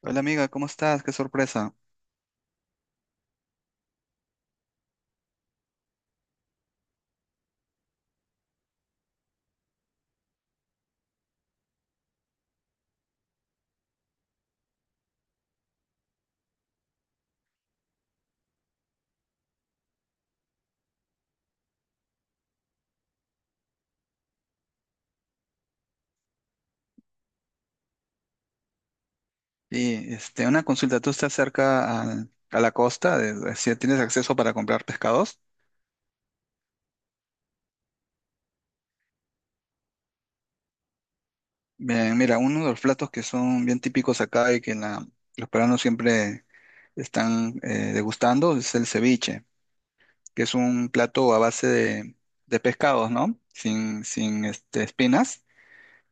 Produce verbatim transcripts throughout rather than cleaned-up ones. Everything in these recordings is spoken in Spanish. Hola amiga, ¿cómo estás? Qué sorpresa. Y este, una consulta, ¿tú estás cerca a, a la costa? De, si tienes acceso para comprar pescados. Bien, mira, uno de los platos que son bien típicos acá y que la- los peruanos siempre están eh, degustando es el ceviche, que es un plato a base de, de pescados, ¿no? Sin, sin este, espinas.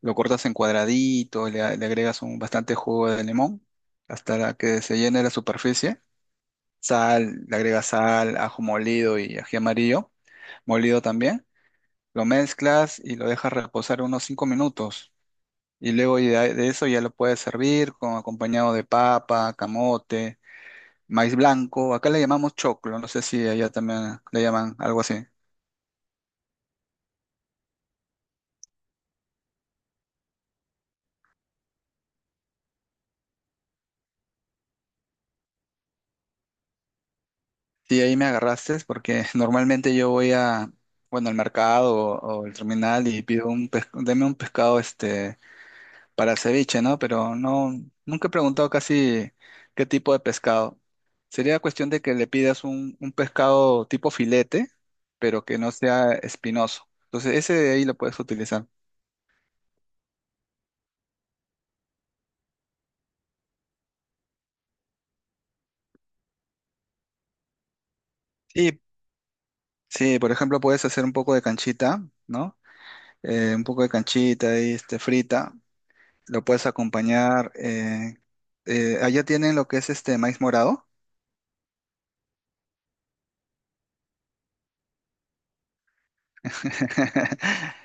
Lo cortas en cuadraditos, le, a- le agregas un bastante jugo de limón hasta la que se llene la superficie sal, le agregas sal, ajo molido y ají amarillo, molido también. Lo mezclas y lo dejas reposar unos cinco minutos. Y luego y de, de eso ya lo puedes servir con acompañado de papa, camote, maíz blanco. Acá le llamamos choclo, no sé si allá también le llaman algo así. Sí, ahí me agarraste porque normalmente yo voy a, bueno, al mercado o, o al terminal y pido un pescado, deme un pescado este para ceviche, ¿no? Pero no, nunca he preguntado casi qué tipo de pescado. Sería cuestión de que le pidas un, un pescado tipo filete, pero que no sea espinoso. Entonces, ese de ahí lo puedes utilizar. Sí, sí, por ejemplo, puedes hacer un poco de canchita, ¿no? Eh, un poco de canchita y este, frita. Lo puedes acompañar. Eh, eh, allá tienen lo que es este maíz morado.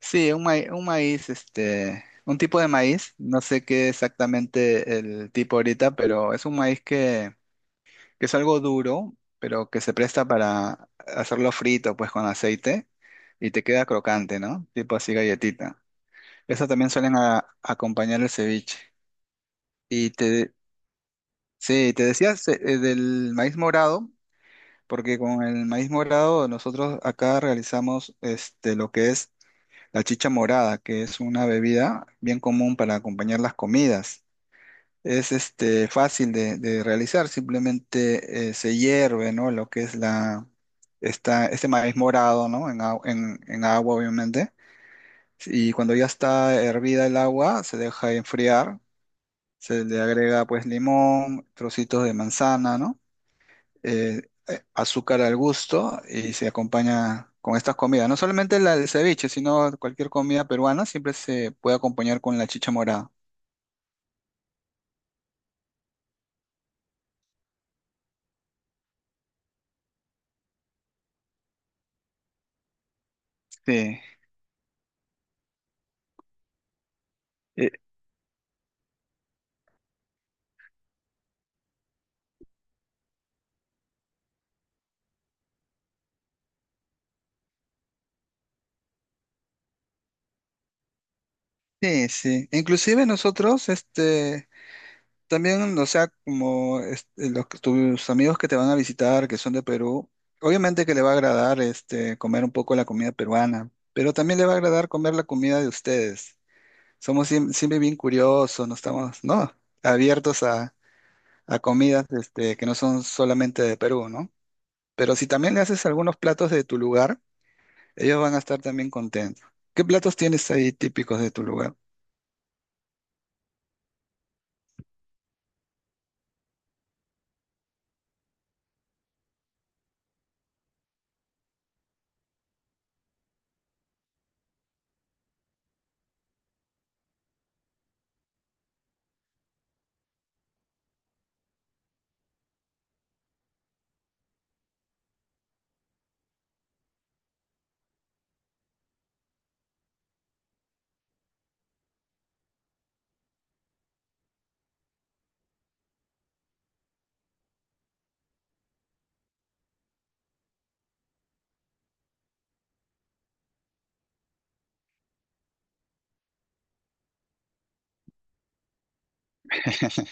Sí, un maíz, un maíz, este, un tipo de maíz, no sé qué exactamente el tipo ahorita, pero es un maíz que, que es algo duro, pero que se presta para hacerlo frito, pues con aceite, y te queda crocante, ¿no? Tipo así galletita. Eso también suelen a- acompañar el ceviche. Y te, sí, te decías eh, del maíz morado, porque con el maíz morado nosotros acá realizamos este, lo que es la chicha morada, que es una bebida bien común para acompañar las comidas. Es este, fácil de, de realizar, simplemente eh, se hierve, ¿no? Lo que es la, esta, este maíz morado, ¿no? En, agu- en, en agua, obviamente. Y cuando ya está hervida el agua, se deja enfriar, se le agrega pues limón, trocitos de manzana, ¿no? eh, eh, Azúcar al gusto y se acompaña con estas comidas. No solamente la del ceviche, sino cualquier comida peruana siempre se puede acompañar con la chicha morada. Sí, eh, sí, sí. Inclusive nosotros, este, también, o sea, como este, los que- tus amigos que te van a visitar, que son de Perú, obviamente que le va a agradar este, comer un poco la comida peruana, pero también le va a agradar comer la comida de ustedes. Somos siem- siempre bien curiosos, no estamos, ¿no? Abiertos a comidas este, que no son solamente de Perú, ¿no? Pero si también le haces algunos platos de tu lugar, ellos van a estar también contentos. ¿Qué platos tienes ahí típicos de tu lugar?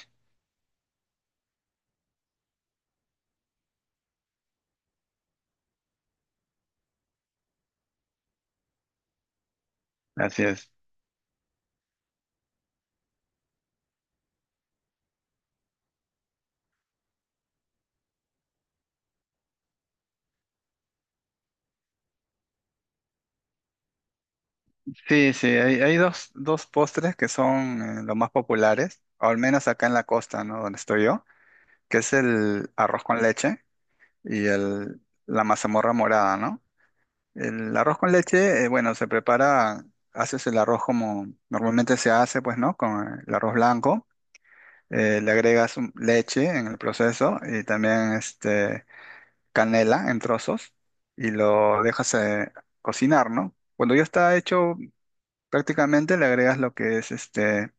Así es. Sí, sí, hay, hay dos, dos postres que son eh, los más populares, o al menos acá en la costa, ¿no? Donde estoy yo, que es el arroz con leche y el, la mazamorra morada, ¿no? El arroz con leche, eh, bueno, se prepara, haces el arroz como normalmente se hace, pues, ¿no? Con el arroz blanco. Eh, le agregas un- leche en el proceso y también este, canela en trozos y lo dejas eh, cocinar, ¿no? Cuando ya está hecho, prácticamente le agregas lo que es este,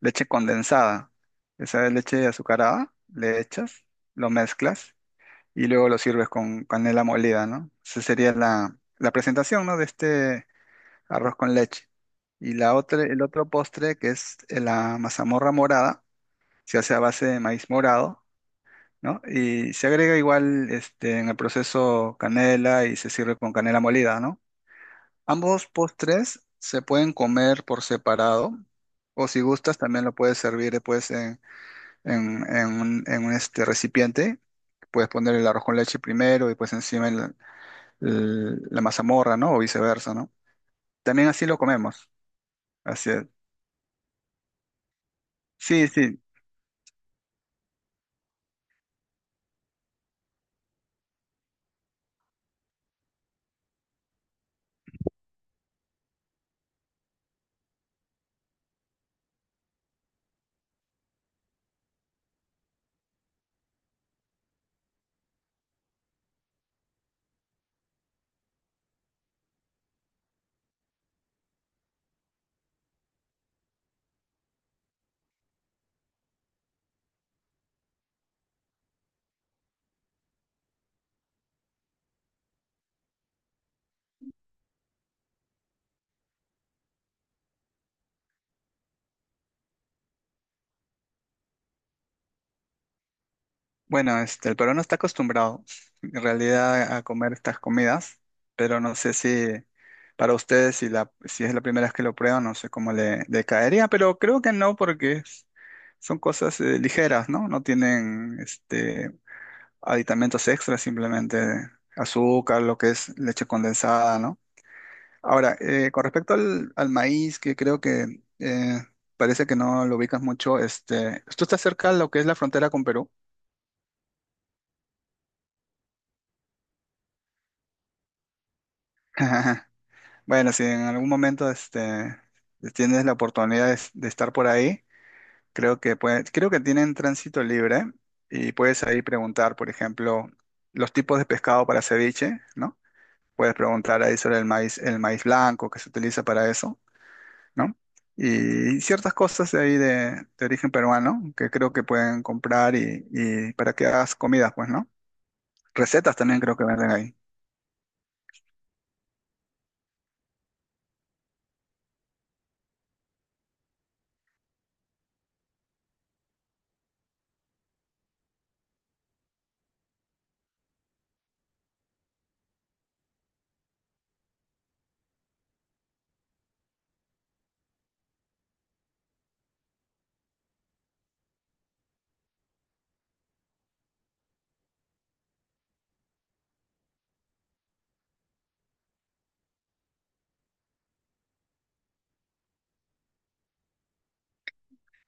leche condensada. Esa leche azucarada, le echas, lo mezclas y luego lo sirves con canela molida, ¿no? Esa sería la, la presentación, ¿no? De este arroz con leche. Y la otra, el otro postre, que es la mazamorra morada, se hace a base de maíz morado, ¿no? Y se agrega igual este, en el proceso canela y se sirve con canela molida, ¿no? Ambos postres se pueden comer por separado o si gustas también lo puedes servir después en, en- en un, en un, este, recipiente. Puedes poner el arroz con leche primero y pues encima el- el- la mazamorra, ¿no? O viceversa, ¿no? También así lo comemos. Así es. Sí, sí. Bueno, este, el peruano está acostumbrado en realidad a comer estas comidas, pero no sé si para ustedes, si, la, si es la primera vez que lo prueban, no sé cómo le, le caería, pero creo que no, porque es- son cosas eh, ligeras, ¿no? No tienen este, aditamentos extras, simplemente azúcar, lo que es leche condensada, ¿no? Ahora, eh, con respecto al, al maíz, que creo que eh, parece que no lo ubicas mucho, este, ¿tú estás cerca de lo que es la frontera con Perú? Bueno, si en algún momento este, tienes la oportunidad de, de estar por ahí, creo que puede- creo que tienen tránsito libre y puedes ahí preguntar, por ejemplo, los tipos de pescado para ceviche, ¿no? Puedes preguntar ahí sobre el maíz, el maíz blanco que se utiliza para eso, ¿no? Y ciertas cosas de ahí de, de origen peruano que creo que pueden comprar y, y para que hagas comidas, pues, ¿no? Recetas también creo que venden ahí.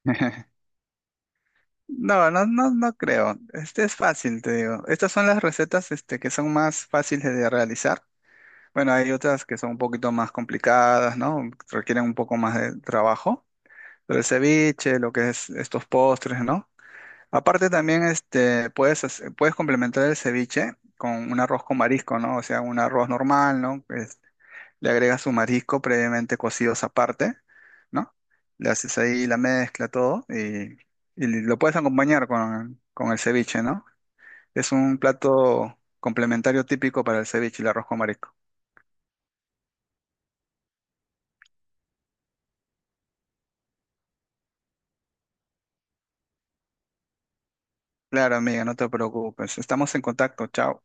No, no, no, no creo. Este es fácil, te digo. Estas son las recetas, este, que son más fáciles de realizar. Bueno, hay otras que son un poquito más complicadas, ¿no? Requieren un poco más de trabajo. Pero el ceviche, lo que es estos postres, ¿no? Aparte también, este, puedes, hacer- puedes complementar el ceviche con un arroz con marisco, ¿no? O sea, un arroz normal, ¿no? Le agregas su marisco previamente cocidos aparte, ¿no? Le haces ahí la mezcla, todo, y, y lo puedes acompañar con, con el ceviche, ¿no? Es un plato complementario típico para el ceviche, el arroz con marisco. Claro, amiga, no te preocupes. Estamos en contacto. Chao.